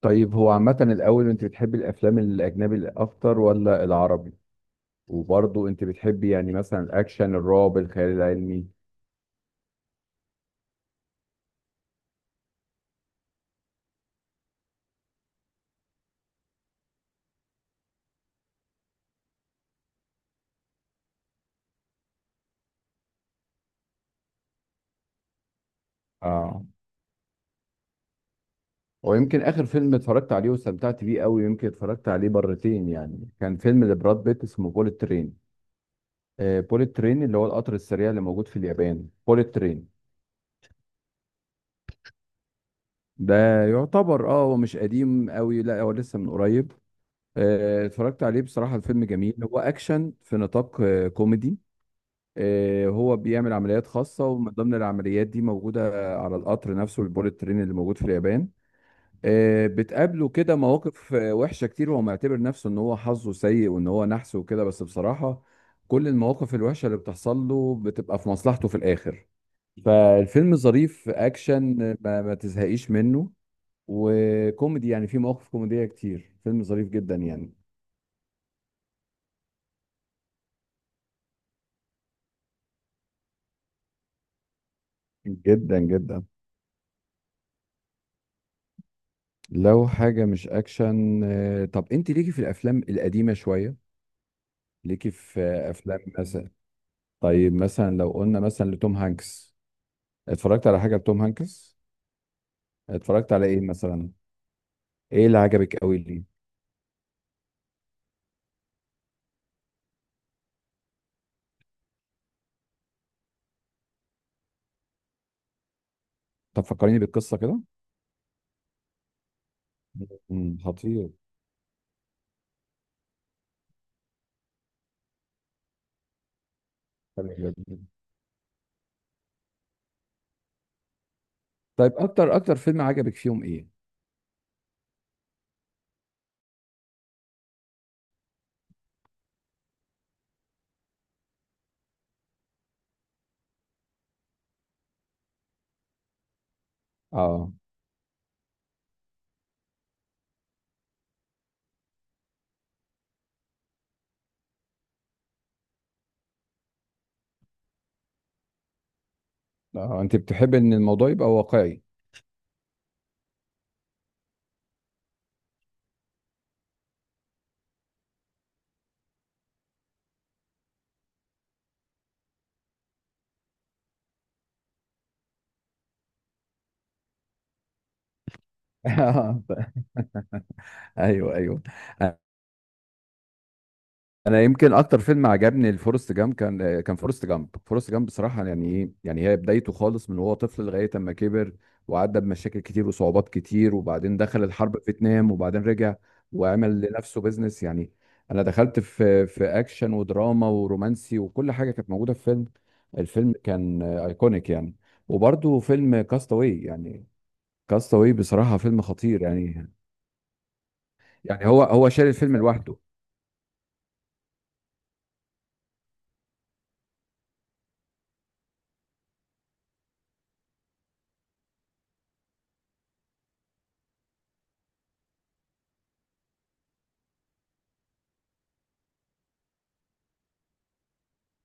طيب هو عامة الأول أنت بتحبي الأفلام الأجنبي أكتر ولا العربي؟ وبرضه أنت بتحبي مثلا الأكشن الرعب الخيال العلمي. اه، ويمكن آخر فيلم اتفرجت عليه واستمتعت بيه قوي، يمكن اتفرجت عليه مرتين، يعني كان فيلم لبراد بيت اسمه بوليت ترين. آه، بوليت ترين اللي هو القطر السريع اللي موجود في اليابان، بوليت ترين. ده يعتبر اه، هو مش قديم قوي، لا هو لسه من قريب. اتفرجت عليه بصراحة الفيلم جميل، هو أكشن في نطاق كوميدي. هو بيعمل عمليات خاصة، ومن ضمن العمليات دي موجودة على القطر نفسه، البوليت ترين اللي موجود في اليابان. بتقابله كده مواقف وحشة كتير، وهو معتبر نفسه ان هو حظه سيء وان هو نحس وكده، بس بصراحة كل المواقف الوحشة اللي بتحصل له بتبقى في مصلحته في الآخر. فالفيلم ظريف، أكشن ما تزهقيش منه، وكوميدي، يعني في مواقف كوميدية كتير، فيلم ظريف جدا يعني، جدا جدا. لو حاجة مش أكشن طب أنت ليكي في الأفلام القديمة شوية؟ ليكي في افلام مثلا؟ طيب مثلا لو قلنا مثلا لتوم هانكس، اتفرجت على حاجه لتوم هانكس؟ اتفرجت على ايه مثلا؟ ايه اللي عجبك قوي ليه؟ طب فكريني بالقصه كده. امم، خطير. حلو جدا. طيب اكتر اكتر فيلم عجبك فيهم ايه؟ اه اه، انت بتحب ان الموضوع يبقى واقعي. ايوه ايوه. انا يمكن اكتر فيلم عجبني الفورست جامب، كان فورست جامب بصراحه، يعني ايه يعني هي بدايته خالص من وهو طفل لغايه اما كبر وعدى بمشاكل كتير وصعوبات كتير، وبعدين دخل الحرب في فيتنام، وبعدين رجع وعمل لنفسه بيزنس يعني. انا دخلت في اكشن ودراما ورومانسي، وكل حاجه كانت موجوده في فيلم. الفيلم كان ايكونيك يعني. وبرده فيلم كاستاوي يعني، كاستاوي بصراحه فيلم خطير يعني، يعني هو شال الفيلم لوحده.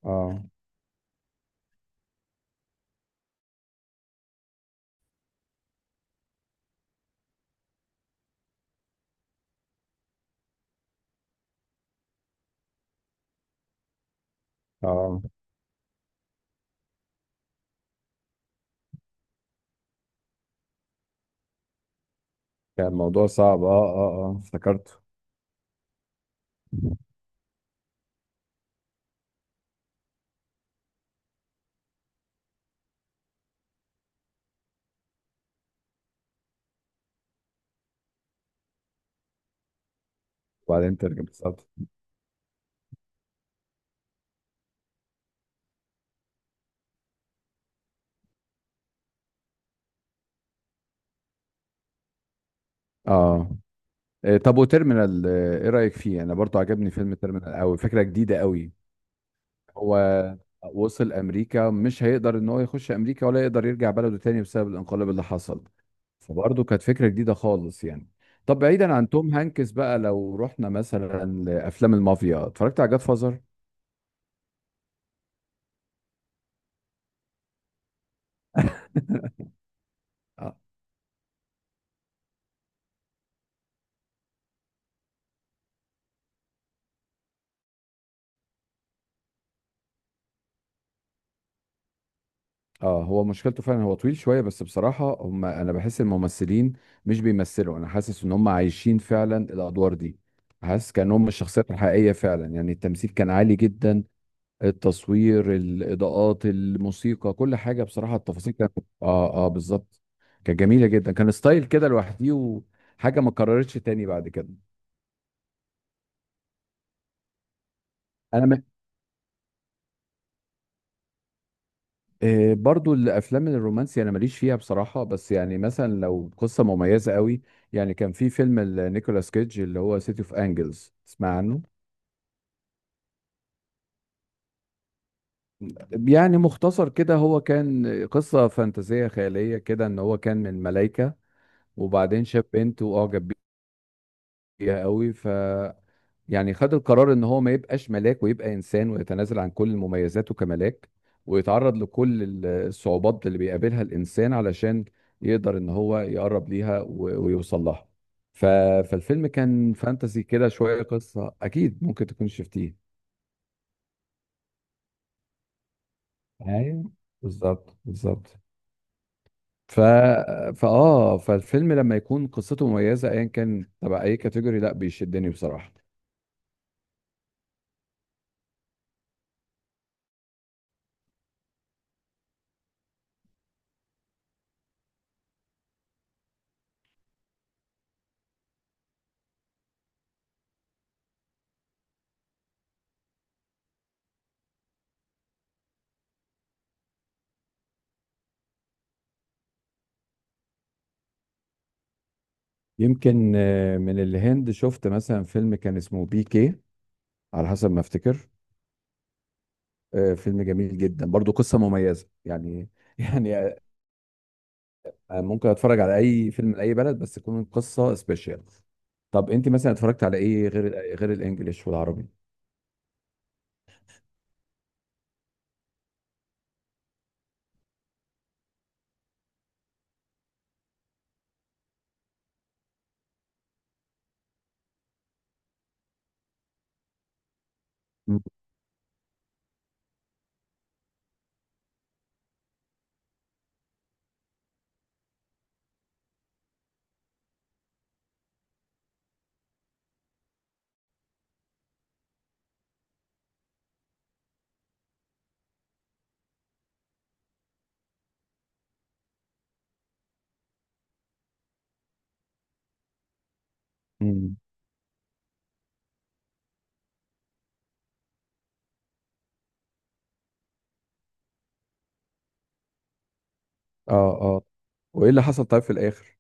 اه اه، كان الموضوع صعب، اه اه اه، افتكرته. وبعدين ترجم بالظبط. اه، إيه، طب وتيرمينال ايه رأيك فيه؟ انا برضو عجبني فيلم تيرمينال قوي، فكرة جديدة قوي. هو وصل امريكا، مش هيقدر ان هو يخش امريكا، ولا يقدر يرجع بلده تاني بسبب الانقلاب اللي حصل. فبرضه كانت فكرة جديدة خالص يعني. طب بعيدا عن توم هانكس بقى، لو رحنا مثلا لافلام المافيا، اتفرجت على جاد فازر؟ اه، هو مشكلته فعلا هو طويل شويه، بس بصراحه هم انا بحس الممثلين مش بيمثلوا، انا حاسس ان هم عايشين فعلا الادوار دي، حاسس كانهم الشخصيات الحقيقيه فعلا، يعني التمثيل كان عالي جدا. التصوير، الاضاءات، الموسيقى، كل حاجه بصراحه، التفاصيل كانت، اه اه، بالظبط، كانت جميله جدا، كان ستايل كده لوحدي، وحاجه ما اتكررتش تاني بعد كده. انا من، إيه، برضو الافلام الرومانسي انا ماليش فيها بصراحه، بس يعني مثلا لو قصه مميزه قوي، يعني كان في فيلم نيكولاس كيدج اللي هو سيتي اوف انجلز، تسمع عنه؟ يعني مختصر كده، هو كان قصه فانتازيه خياليه كده، ان هو كان من ملايكه، وبعدين شاف بنت واعجب بيها قوي، يعني خد القرار ان هو ما يبقاش ملاك ويبقى انسان، ويتنازل عن كل مميزاته كملاك، ويتعرض لكل الصعوبات اللي بيقابلها الانسان، علشان يقدر ان هو يقرب ليها ويوصل لها. ف... فالفيلم كان فانتسي كده شوية، قصة اكيد ممكن تكون شفتيه. ايوه، بالظبط بالظبط. ف... فاه، فالفيلم لما يكون قصته مميزة ايا كان تبع اي كاتيجوري، لا بيشدني بصراحة. يمكن من الهند شفت مثلا فيلم كان اسمه بي كي، على حسب ما افتكر. فيلم جميل جدا، برضو قصة مميزة يعني. يعني ممكن اتفرج على اي فيلم لاي بلد، بس تكون القصة سبيشال. طب انت مثلا اتفرجت على ايه غير الانجليش والعربي؟ مم. مم. اه اه، وايه اللي حصل طيب في الاخر؟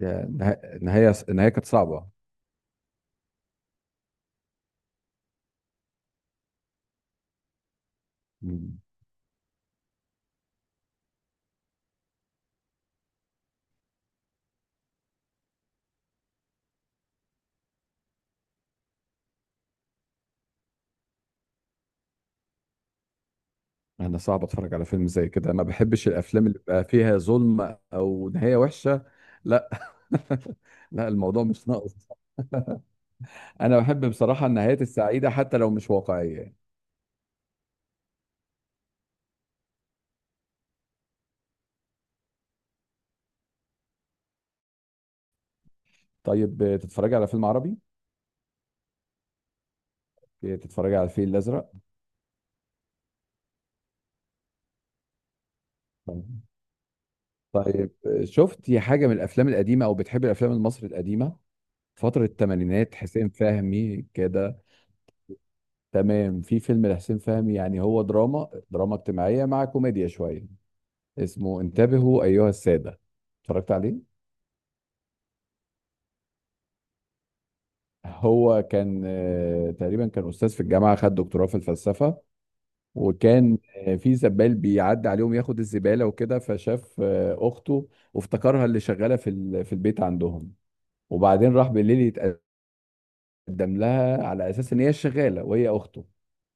يعني النهاية النهاية كانت صعبة. مم. انا صعب اتفرج على فيلم زي كده، ما بحبش الافلام اللي بقى فيها ظلم او نهاية وحشة، لا. لا، الموضوع مش ناقص. انا بحب بصراحة النهايات السعيدة حتى لو مش واقعية. طيب تتفرجي على فيلم عربي؟ تتفرجي على الفيل الازرق؟ طبعاً. طيب شفتي حاجه من الافلام القديمه؟ او بتحبي الافلام المصري القديمه، فتره الثمانينات، حسين فهمي كده؟ تمام، في فيلم لحسين فهمي، يعني هو دراما، دراما اجتماعيه مع كوميديا شويه، اسمه انتبهوا ايها الساده، اتفرجت عليه؟ هو كان تقريبا كان استاذ في الجامعه، خد دكتوراه في الفلسفه، وكان في زبال بيعدي عليهم ياخد الزبالة وكده، فشاف أخته، وافتكرها اللي شغالة في البيت عندهم، وبعدين راح بالليل يتقدم لها على أساس إن هي الشغالة، وهي أخته.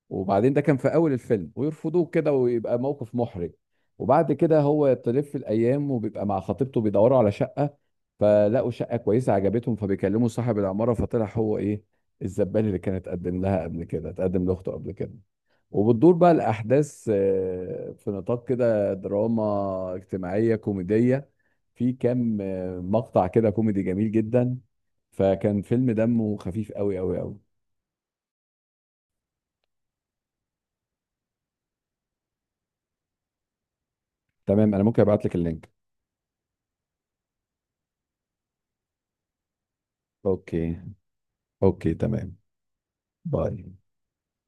وبعدين ده كان في أول الفيلم، ويرفضوه كده ويبقى موقف محرج. وبعد كده هو تلف الأيام، وبيبقى مع خطيبته بيدوروا على شقة، فلقوا شقة كويسة عجبتهم، فبيكلموا صاحب العمارة، فطلع هو إيه، الزبال اللي كانت تقدم لها قبل كده، تقدم لأخته قبل كده. وبتدور بقى الأحداث في نطاق كده دراما اجتماعية كوميدية، في كام مقطع كده كوميدي جميل جدا، فكان فيلم دمه خفيف قوي قوي قوي. تمام، أنا ممكن أبعت لك اللينك. أوكي. أوكي تمام. باي.